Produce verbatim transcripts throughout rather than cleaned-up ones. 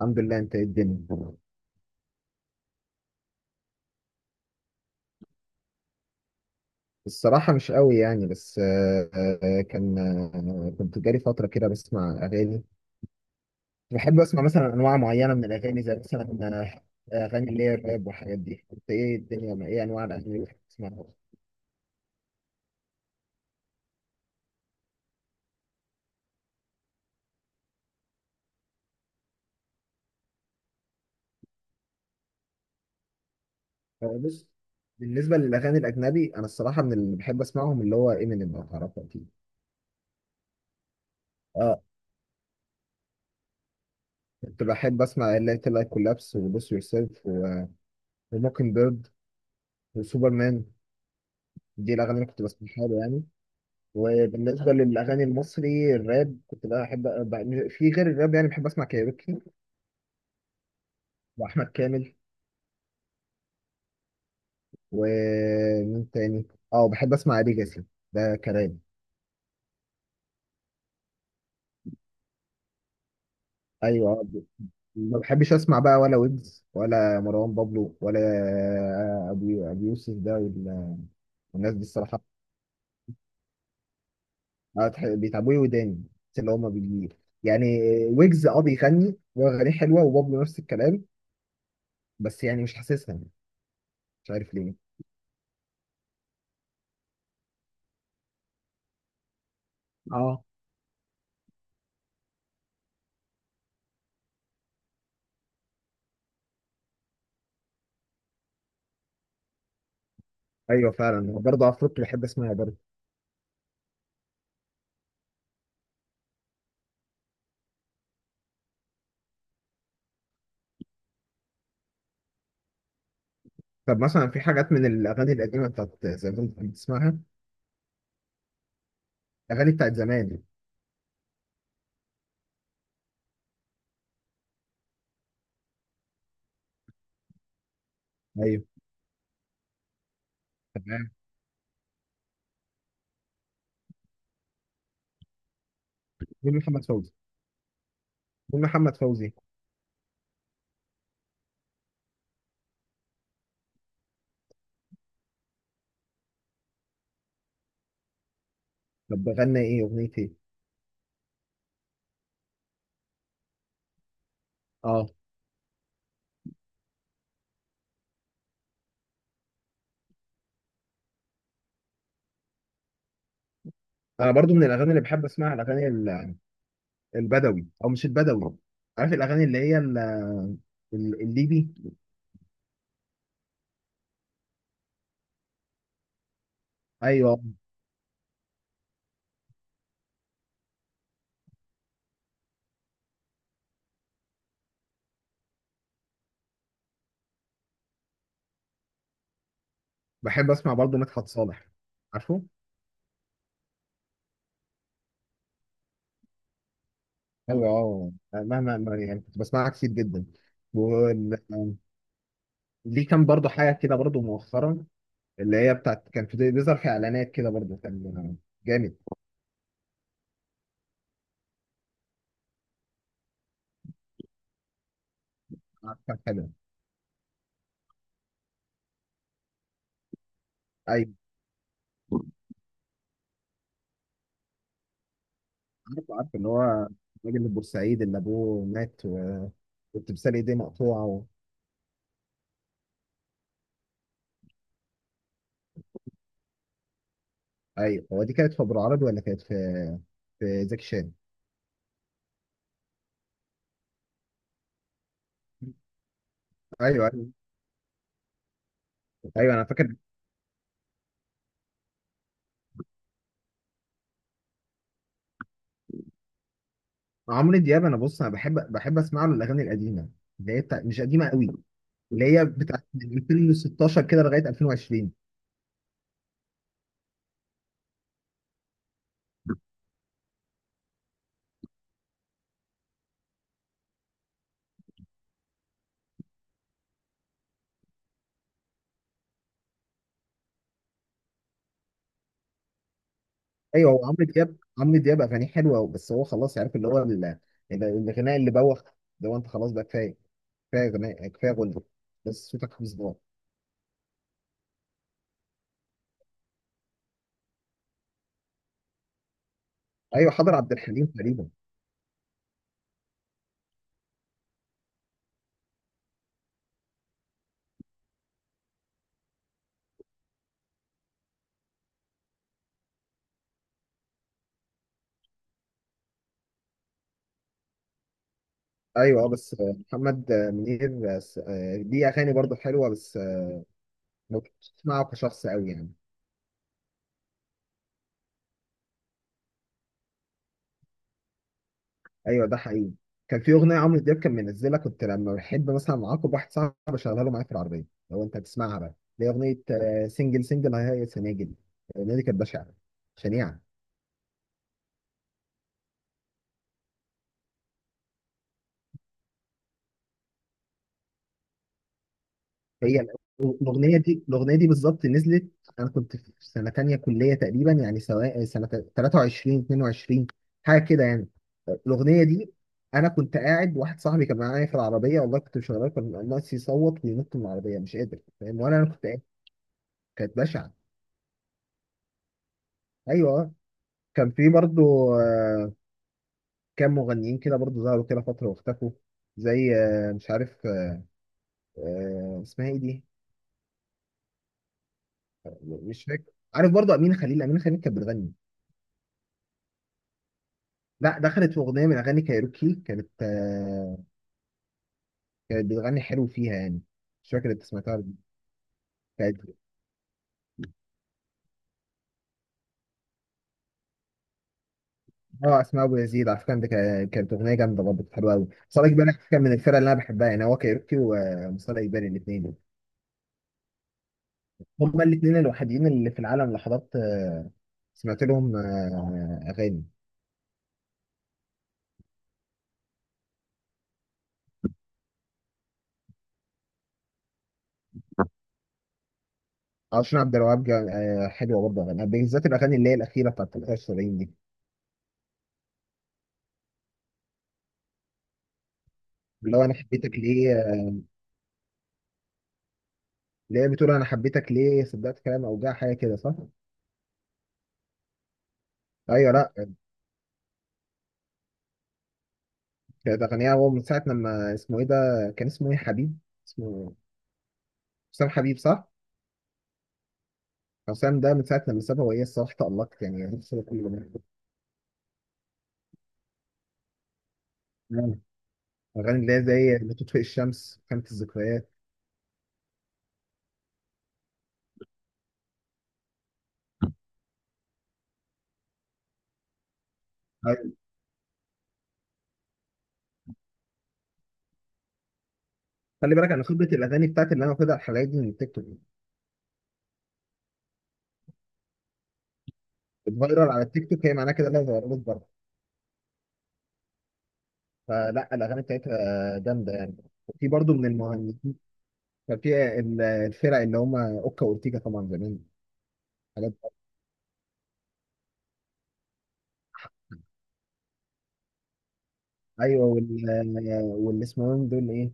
الحمد لله. انت ايه الدنيا؟ الصراحه مش قوي يعني. بس آه، آه، كان آه، كنت جالي فتره كده بسمع اغاني. بحب اسمع مثلا انواع معينه من الاغاني، زي مثلا آه، اغاني اللي هي الراب والحاجات دي. انت ايه الدنيا؟ ما- ايه انواع الاغاني اللي بتحب تسمعها؟ آه، بص، بالنسبه للاغاني الاجنبي انا الصراحه من اللي بحب اسمعهم اللي هو امينيم، لو تعرفه اكيد. اه، كنت بحب اسمع اللي هي لايك كولابس، وبوس يور سيلف، وموكن بيرد، وسوبرمان. دي الاغاني اللي كنت بسمعها له يعني. وبالنسبة للأغاني المصري الراب كنت بقى أحب. بقى في غير الراب يعني بحب أسمع كايروكي، وأحمد كامل، ومين تاني؟ أه، بحب أسمع ليجاسي، ده كلام. أيوه آه، ما بحبش أسمع بقى ولا ويجز ولا مروان بابلو ولا آه، أبي أبي يوسف ده وال- والناس دي الصراحة. آه، تح- بيتعبوا لي وداني، بس اللي هما بي يعني. ويجز أه بيغني وأغانيه حلوة، وبابلو نفس الكلام، بس يعني مش حاسسها. مش عارف ليه. اه، ايوه فعلا، برضه افروت بحب اسمعها برضه. طب مثلا في حاجات من الاغاني القديمه بتاعت زمان كنت بتسمعها؟ اغاني بتاعت زمان. ايوه. تمام. مين محمد فوزي؟ مين محمد فوزي؟ طب بغنى ايه؟ اغنيه ايه؟ اه، انا برضه من الاغاني اللي بحب اسمعها الاغاني ال- البدوي، او مش البدوي. عارف الاغاني اللي هي ال- ال- الليبي؟ ايوه. بحب اسمع برضه مدحت صالح، عارفه؟ ايوه، اه، مهما ما- يعني كنت بسمعها كتير جدا. وليه كان برضه حاجه كده برضه مؤخرا، اللي هي بتاعت كان في بيظهر في اعلانات كده برضه، كان جامد. عارف، كان حلو. ايوه، عارف، عارف اللي هو الراجل البورسعيد اللي ابوه مات و- والتمثال ايديه مقطوعه و... ايوه، هو دي كانت في ابو العربي ولا كانت في في زكي شان؟ ايوه، ايوه. ايوه، انا فاكر. عمرو دياب انا بص، انا بحب بحب اسمع له الاغاني القديمه، اللي هي بتاع... مش قديمه قوي، اللي هي بتاعت من الفين وستة عشر كده لغايه الفين وعشرين. ايوه، هو عمرو دياب، عمرو دياب اغانيه حلوه، بس هو خلاص عارف اللي هو ال- ال- الغناء اللي بوخ ده، هو انت خلاص بقى، كفايه، كفايه غناء، كفايه غنى. بس صوتك خمس دقايق. ايوه، حضر عبد الحليم تقريبا. ايوه آه، بس آه، محمد آه، منير آه، س- آه، ليه اغاني برضه حلوه بس آه، ما كنتش بسمعه كشخص قوي يعني. ايوه، ده حقيقي. كان في اغنيه عمرو دياب كان منزلها، كنت لما بحب مثلا اعاقب واحد صاحبي بشغلها له معايا في العربيه. لو انت هتسمعها بقى، اللي هي اغنيه آه، سنجل سنجل هاي هاي سناجل. الاغنيه دي كانت بشعه، شنيعه. هي الاغنيه دي الاغنيه دي بالظبط نزلت، انا كنت في سنه تانية كليه تقريبا، يعني سواء سنه تلاتة وعشرين اتنين وعشرين، حاجه كده يعني. الاغنيه دي انا كنت قاعد، واحد صاحبي كان معايا في العربيه، والله كنت مشغلها كان ناقص يصوت وينط من العربيه مش قادر، فاهم ولا؟ انا كنت قاعد. كانت بشعه. ايوه آه. كان في برضو آه، كام مغنيين كده برضو ظهروا كده فتره واختفوا، زي آه، مش عارف آه، اسمها ايه دي، مش فاكر. عارف برضو امين خليل؟ امين خليل كانت بتغني، لا دخلت في اغنيه من اغاني كايروكي، كانت آه، كانت بتغني حلو فيها يعني. مش فاكر انت سمعتها ولا لأ. كانت اه، اسماء ابو يزيد على فكره دي كا- كانت اغنيه جامده، برضه كانت حلوه قوي. صالح جبالي على فكرة كان من الفرق اللي انا بحبها يعني، هو كايروكي ومصطفى جبالي الاثنين. هما الاثنين الوحيدين اللي في العالم اللي حضرت آه، سمعت لهم آه اغاني. عشان عبد الوهاب جا- آه، حلوه برضه اغاني، بالذات الاغاني اللي هي الاخيره بتاعت تلاتة وسبعين دي، اللي هو انا حبيتك ليه. آه، اللي هي بتقول انا حبيتك ليه صدقت كلام اوجاع حاجه كده، صح؟ ايوه. لا كانت أغنية، هو من ساعة لما اسمه إيه ده، كان اسمه إيه؟ حبيب اسمه؟ حسام حبيب، صح؟ حسام ده من ساعة لما سابها وهي الصراحة تألقت، يعني نفسي كل جميل. مم. أغاني اللي هي زي لا تطفئ الشمس، خانة الذكريات. أيوة. خلي بالك أنا خبرة الأغاني بتاعتي اللي أنا واخدها الحلقات دي من التيك توك. الفايرال على التيك توك هي معناها كده إنها اتغيرت بره. فلا الأغاني بتاعتها جامدة يعني. في برضه من المهندسين، كان في ال- الفرق اللي هم أوكا وأورتيجا طبعا زمان. حاجات- أيوه وال واللي اسمهم دول إيه؟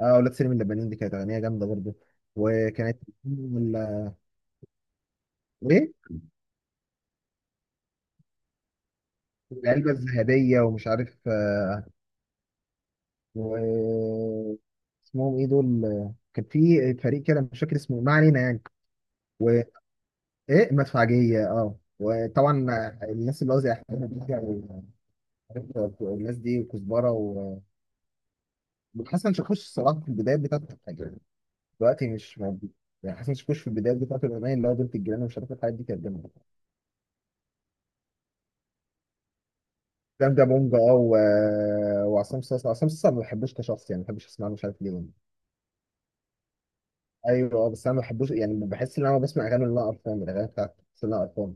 اه، اولاد سليم اللبنانيين، دي كانت اغنيه جامده برضه. وكانت وال- وايه، العلبه الذهبيه، ومش عارف آه، و اسمهم ايه دول، آه، كان في فريق كده مش فاكر اسمه، ما علينا يعني. وايه، مدفعجيه، اه. وطبعا الناس اللي قصدي احمد مكي و- عارف الناس دي، وكزبره و- وحسن شاكوش الصراحه في البدايات بتاعت الحاجه، دلوقتي مش موجود. يعني حسن شاكوش في البدايات بتاعت الاغنيه اللي هو بنت الجيران ومش عارف الحاجات دي كانت جامده. ده بونج اه و- وعصام صاصا. عصام صاصا ما بحبوش كشخص يعني، ما بحبش اسمع له مش عارف ليه. ايوه اه، بس انا ما بحبوش يعني، بحس ان انا بسمع اغاني اللي انا قرفان من الاغاني بتاعت بس اللي انا قرفان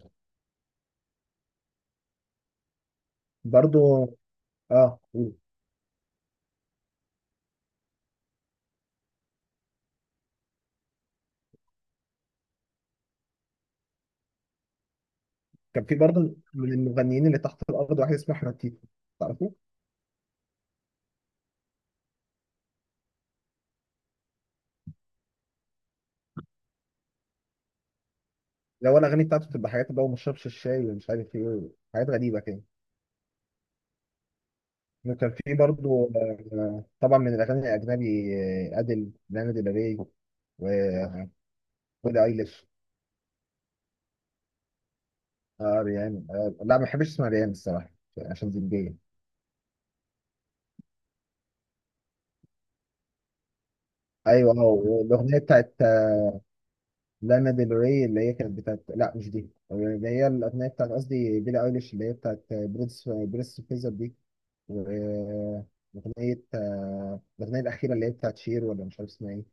برضه. اه، كان في برضه من المغنيين اللي تحت الارض واحد اسمه احمد تيتو، تعرفه؟ لو الاغاني بتاعته بتبقى حاجات بقى، وما شربش الشاي ومش عارف ايه، حاجات غريبه كده. وكان في برضه آه، طبعا من الاغاني الاجنبي، آه، ادل لانا ديل ري، و وبيلي ايليش. اه ريان، آه لا ما بحبش اسمها ريان الصراحه، يعني عشان زنجيه. ايوه، هو الاغنيه بتاعت لانا ديل ري اللي هي كانت بتاعت، لا مش دي، اللي هي الاغنيه بتاعت، قصدي بيلي ايليش، اللي هي بتاعت بريس بريس فيزر دي، واغنيه آه، الاغنيه الاخيره اللي هي بتاعت شير، ولا مش عارف اسمها ايه.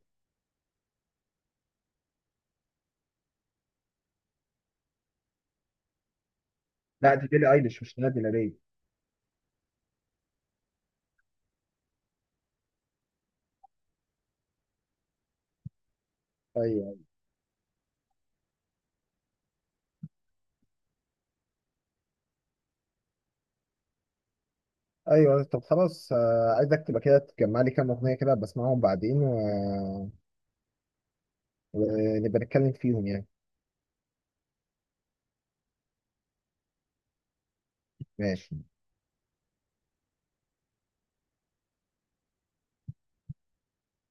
لا دي بيلي ايليش مش لانا ديل ري. ايوه، ايوه. طب خلاص، آه، عايزك تبقى كده تجمع لي كام اغنيه كده بسمعهم بعدين و- ونبقى نتكلم فيهم يعني. ماشي